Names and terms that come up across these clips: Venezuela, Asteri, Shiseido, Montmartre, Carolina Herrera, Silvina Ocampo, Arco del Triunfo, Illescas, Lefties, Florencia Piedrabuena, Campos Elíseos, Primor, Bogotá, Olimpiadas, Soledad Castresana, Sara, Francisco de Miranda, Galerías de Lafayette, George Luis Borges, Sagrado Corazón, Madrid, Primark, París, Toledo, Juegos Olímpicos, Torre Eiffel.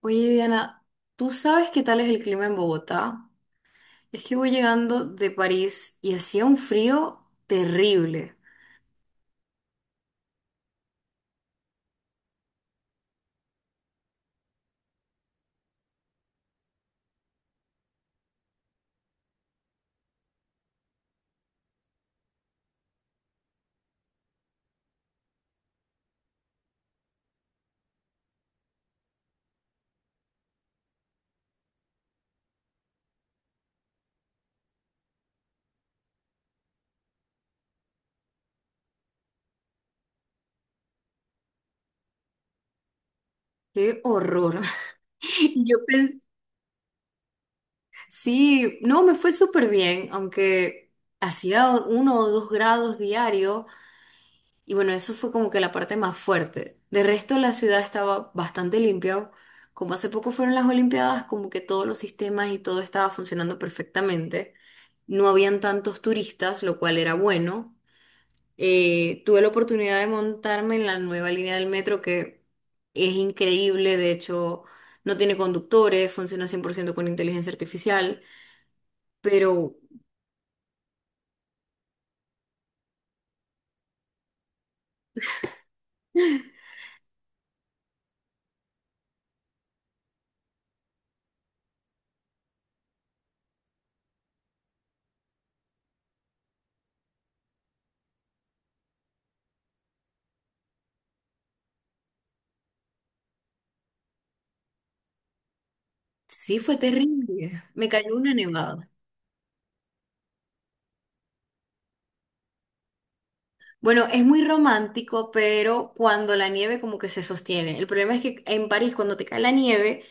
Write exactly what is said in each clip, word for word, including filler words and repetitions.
Oye, Diana, ¿tú sabes qué tal es el clima en Bogotá? Es que voy llegando de París y hacía un frío terrible. ¡Qué horror! Yo pensé, sí, no, me fue súper bien, aunque hacía uno o dos grados diario y bueno, eso fue como que la parte más fuerte. De resto, la ciudad estaba bastante limpia. Como hace poco fueron las Olimpiadas, como que todos los sistemas y todo estaba funcionando perfectamente. No habían tantos turistas, lo cual era bueno. Eh, tuve la oportunidad de montarme en la nueva línea del metro que es increíble, de hecho no tiene conductores, funciona cien por ciento con inteligencia artificial, pero sí fue terrible, me cayó una nevada. Bueno, es muy romántico, pero cuando la nieve como que se sostiene. El problema es que en París cuando te cae la nieve,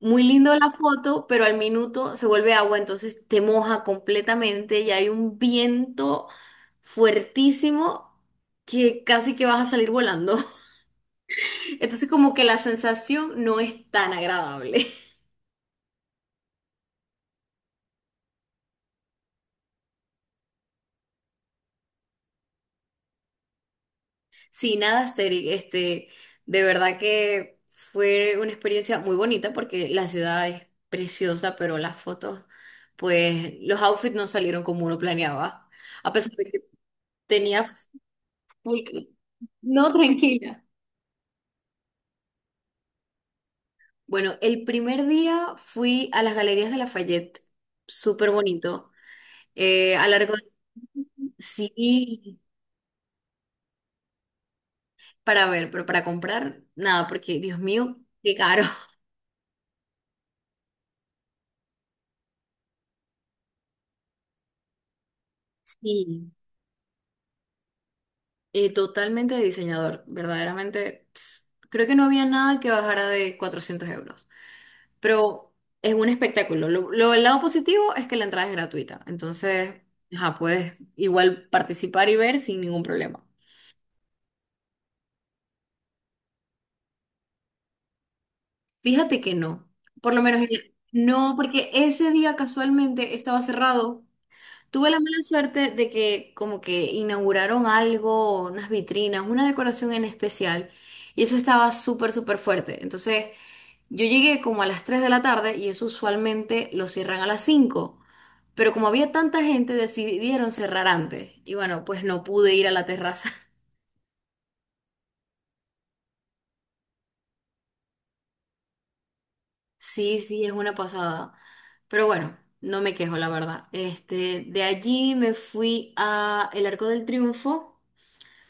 muy lindo la foto, pero al minuto se vuelve agua, entonces te moja completamente y hay un viento fuertísimo que casi que vas a salir volando. Entonces como que la sensación no es tan agradable. Sí, nada, Asteri, este, de verdad que fue una experiencia muy bonita porque la ciudad es preciosa, pero las fotos, pues los outfits no salieron como uno planeaba, a pesar de que tenía full... No, tranquila. Bueno, el primer día fui a las Galerías de Lafayette, súper bonito. Eh, a largo sí, para ver, pero para comprar, nada, porque Dios mío, qué caro. Sí, eh, totalmente de diseñador, verdaderamente. Ps, creo que no había nada que bajara de cuatrocientos euros, pero es un espectáculo. Lo, lo- el lado positivo es que la entrada es gratuita, entonces, ajá, puedes igual participar y ver sin ningún problema. Fíjate que no, por lo menos el- no, porque ese día casualmente estaba cerrado. Tuve la mala suerte de que como que inauguraron algo, unas vitrinas, una decoración en especial, y eso estaba súper, súper fuerte. Entonces, yo llegué como a las tres de la tarde y eso usualmente lo cierran a las cinco, pero como había tanta gente, decidieron cerrar antes. Y bueno, pues no pude ir a la terraza. Sí, sí, es una pasada. Pero bueno, no me quejo, la verdad. Este, de allí me fui a el Arco del Triunfo,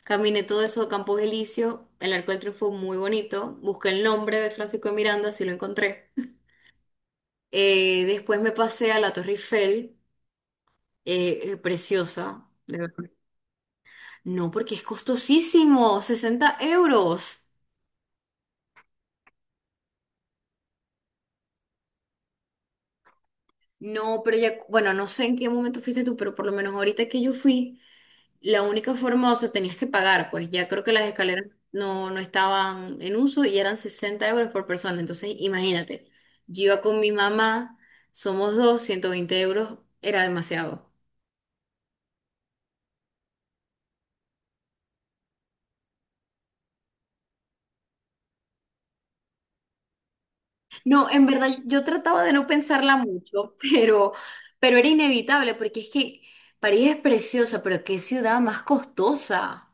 caminé todo eso de Campos Elíseos, el Arco del Triunfo muy bonito, busqué el nombre de Francisco de Miranda, así lo encontré. Eh, después me pasé a la Torre Eiffel, eh, eh, preciosa, de verdad. No, porque es costosísimo, sesenta euros. No, pero ya, bueno, no sé en qué momento fuiste tú, pero por lo menos ahorita que yo fui, la única forma, o sea, tenías que pagar, pues ya creo que las escaleras no, no estaban en uso y eran sesenta euros por persona. Entonces, imagínate, yo iba con mi mamá, somos dos, ciento veinte euros era demasiado. No, en verdad, yo trataba de no pensarla mucho, pero, pero era inevitable, porque es que París es preciosa, pero qué ciudad más costosa.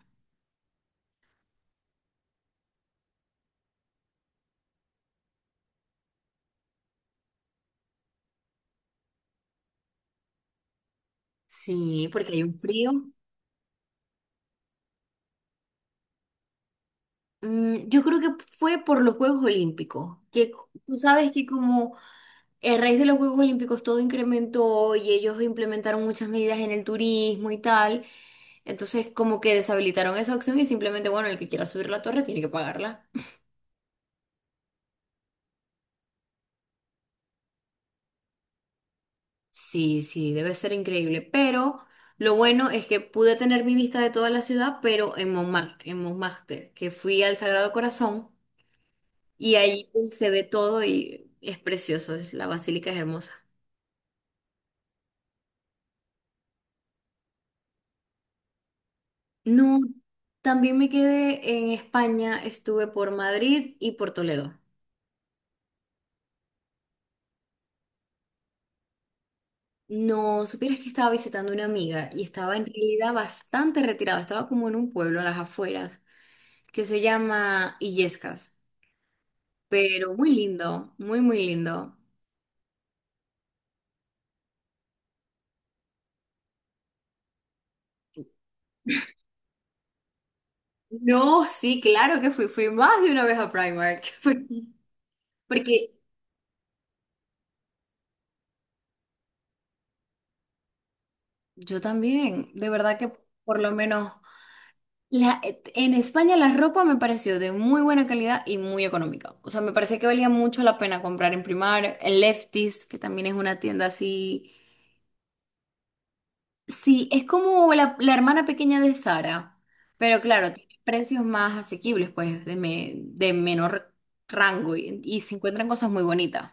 Sí, porque hay un frío. Mm, yo creo que fue por los Juegos Olímpicos, que c- tú sabes que como... A raíz de los Juegos Olímpicos todo incrementó y ellos implementaron muchas medidas en el turismo y tal. Entonces, como que deshabilitaron esa opción y simplemente, bueno, el que quiera subir la torre tiene que pagarla. Sí, sí, debe ser increíble. Pero lo bueno es que pude tener mi vista de toda la ciudad, pero en Montmartre, en Montmartre, que fui al Sagrado Corazón y ahí pues, se ve todo y es precioso, es- la basílica es hermosa. No, también me quedé en España, estuve por Madrid y por Toledo. No, supieras que estaba visitando una amiga y estaba en realidad bastante retirada, estaba como en un pueblo a las afueras que se llama Illescas, pero muy lindo, muy, muy lindo. No, sí, claro que fui, fui más de una vez a Primark, porque porque yo también, de verdad que por lo menos la, eh, en España la ropa me pareció de muy buena calidad y muy económica. O sea, me parecía que valía mucho la pena comprar en Primark, en Lefties, que también es una tienda así. Sí, es como la, la hermana pequeña de Sara, pero claro, tiene precios más asequibles, pues de, me- de menor rango y, y se encuentran cosas muy bonitas.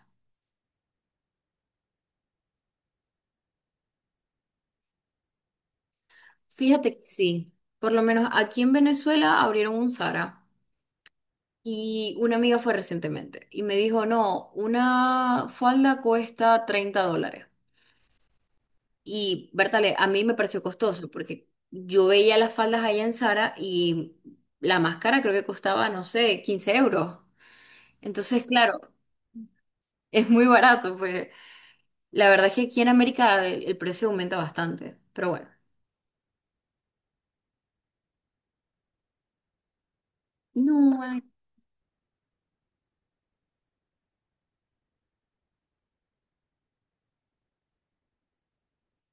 Fíjate que sí, por lo menos aquí en Venezuela abrieron un Sara y una amiga fue recientemente y me dijo, no, una falda cuesta treinta dólares. Y Bertale, a mí me pareció costoso porque yo veía las faldas allá en Sara y la máscara creo que costaba, no sé, quince euros. Entonces, claro, es muy barato, pues. La verdad es que aquí en América el, el precio aumenta bastante, pero bueno. No, ay,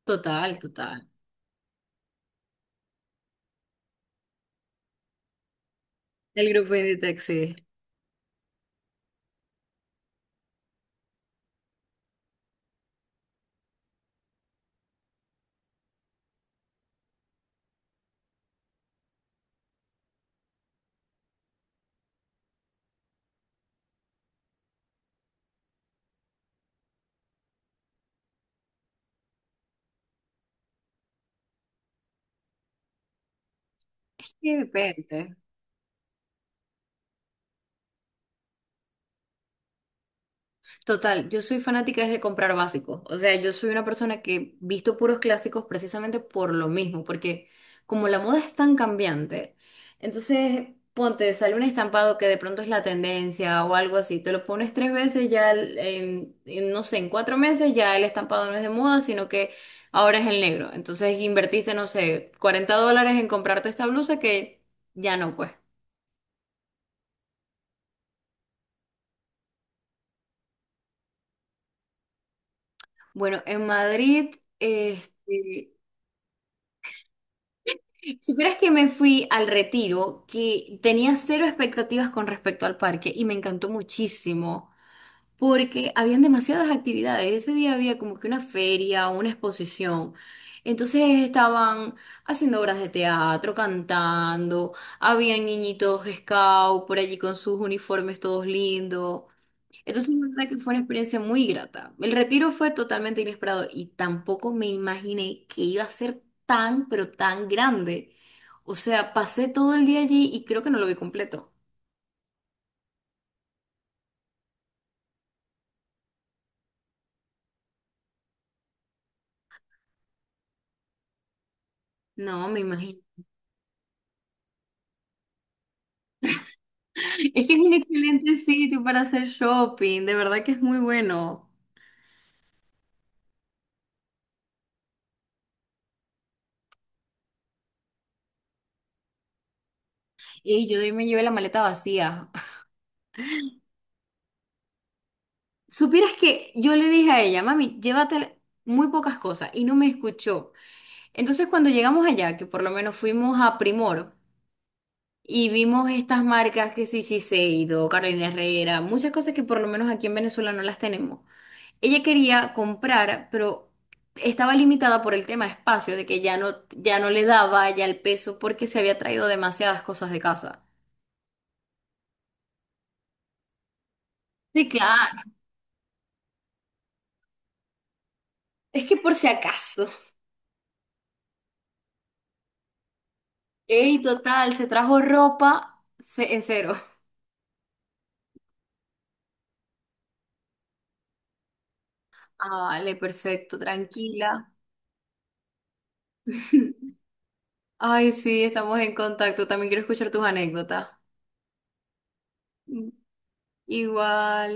total, total. El grupo de taxi. De repente. Total, yo soy fanática es de comprar básicos. O sea, yo soy una persona que visto puros clásicos precisamente por lo mismo, porque como la moda es tan cambiante, entonces ponte, sale un estampado que de pronto es la tendencia o algo así, te lo pones tres veces, ya el- en, en, no sé, en cuatro meses ya el estampado no es de moda, sino que ahora es el negro. Entonces invertiste, no sé, cuarenta dólares en comprarte esta blusa que ya no, pues. Bueno, en Madrid, este, si crees que me fui al retiro, que tenía cero expectativas con respecto al parque y me encantó muchísimo, porque habían demasiadas actividades. Ese día había como que una feria, una exposición. Entonces estaban haciendo obras de teatro, cantando, habían niñitos scout por allí con sus uniformes todos lindos. Entonces, la verdad que fue una experiencia muy grata. El retiro fue totalmente inesperado y tampoco me imaginé que iba a ser tan, pero tan grande. O sea, pasé todo el día allí y creo que no lo vi completo. No, me imagino. Es que es un excelente sitio para hacer shopping, de verdad que es muy bueno. Y yo de ahí me llevé la maleta vacía. Supieras que yo le dije a ella, mami, llévate muy pocas cosas y no me escuchó. Entonces, cuando llegamos allá, que por lo menos fuimos a Primor. Y vimos estas marcas que sí, Shiseido, Carolina Herrera, muchas cosas que por lo menos aquí en Venezuela no las tenemos. Ella quería comprar, pero estaba limitada por el tema espacio, de que ya no, ya no le daba ya el peso porque se había traído demasiadas cosas de casa. Sí, claro. Es que por si acaso. Ey, total, se trajo ropa ce- en cero. Ah, vale, perfecto, tranquila. Ay, sí, estamos en contacto. También quiero escuchar tus anécdotas. Igual.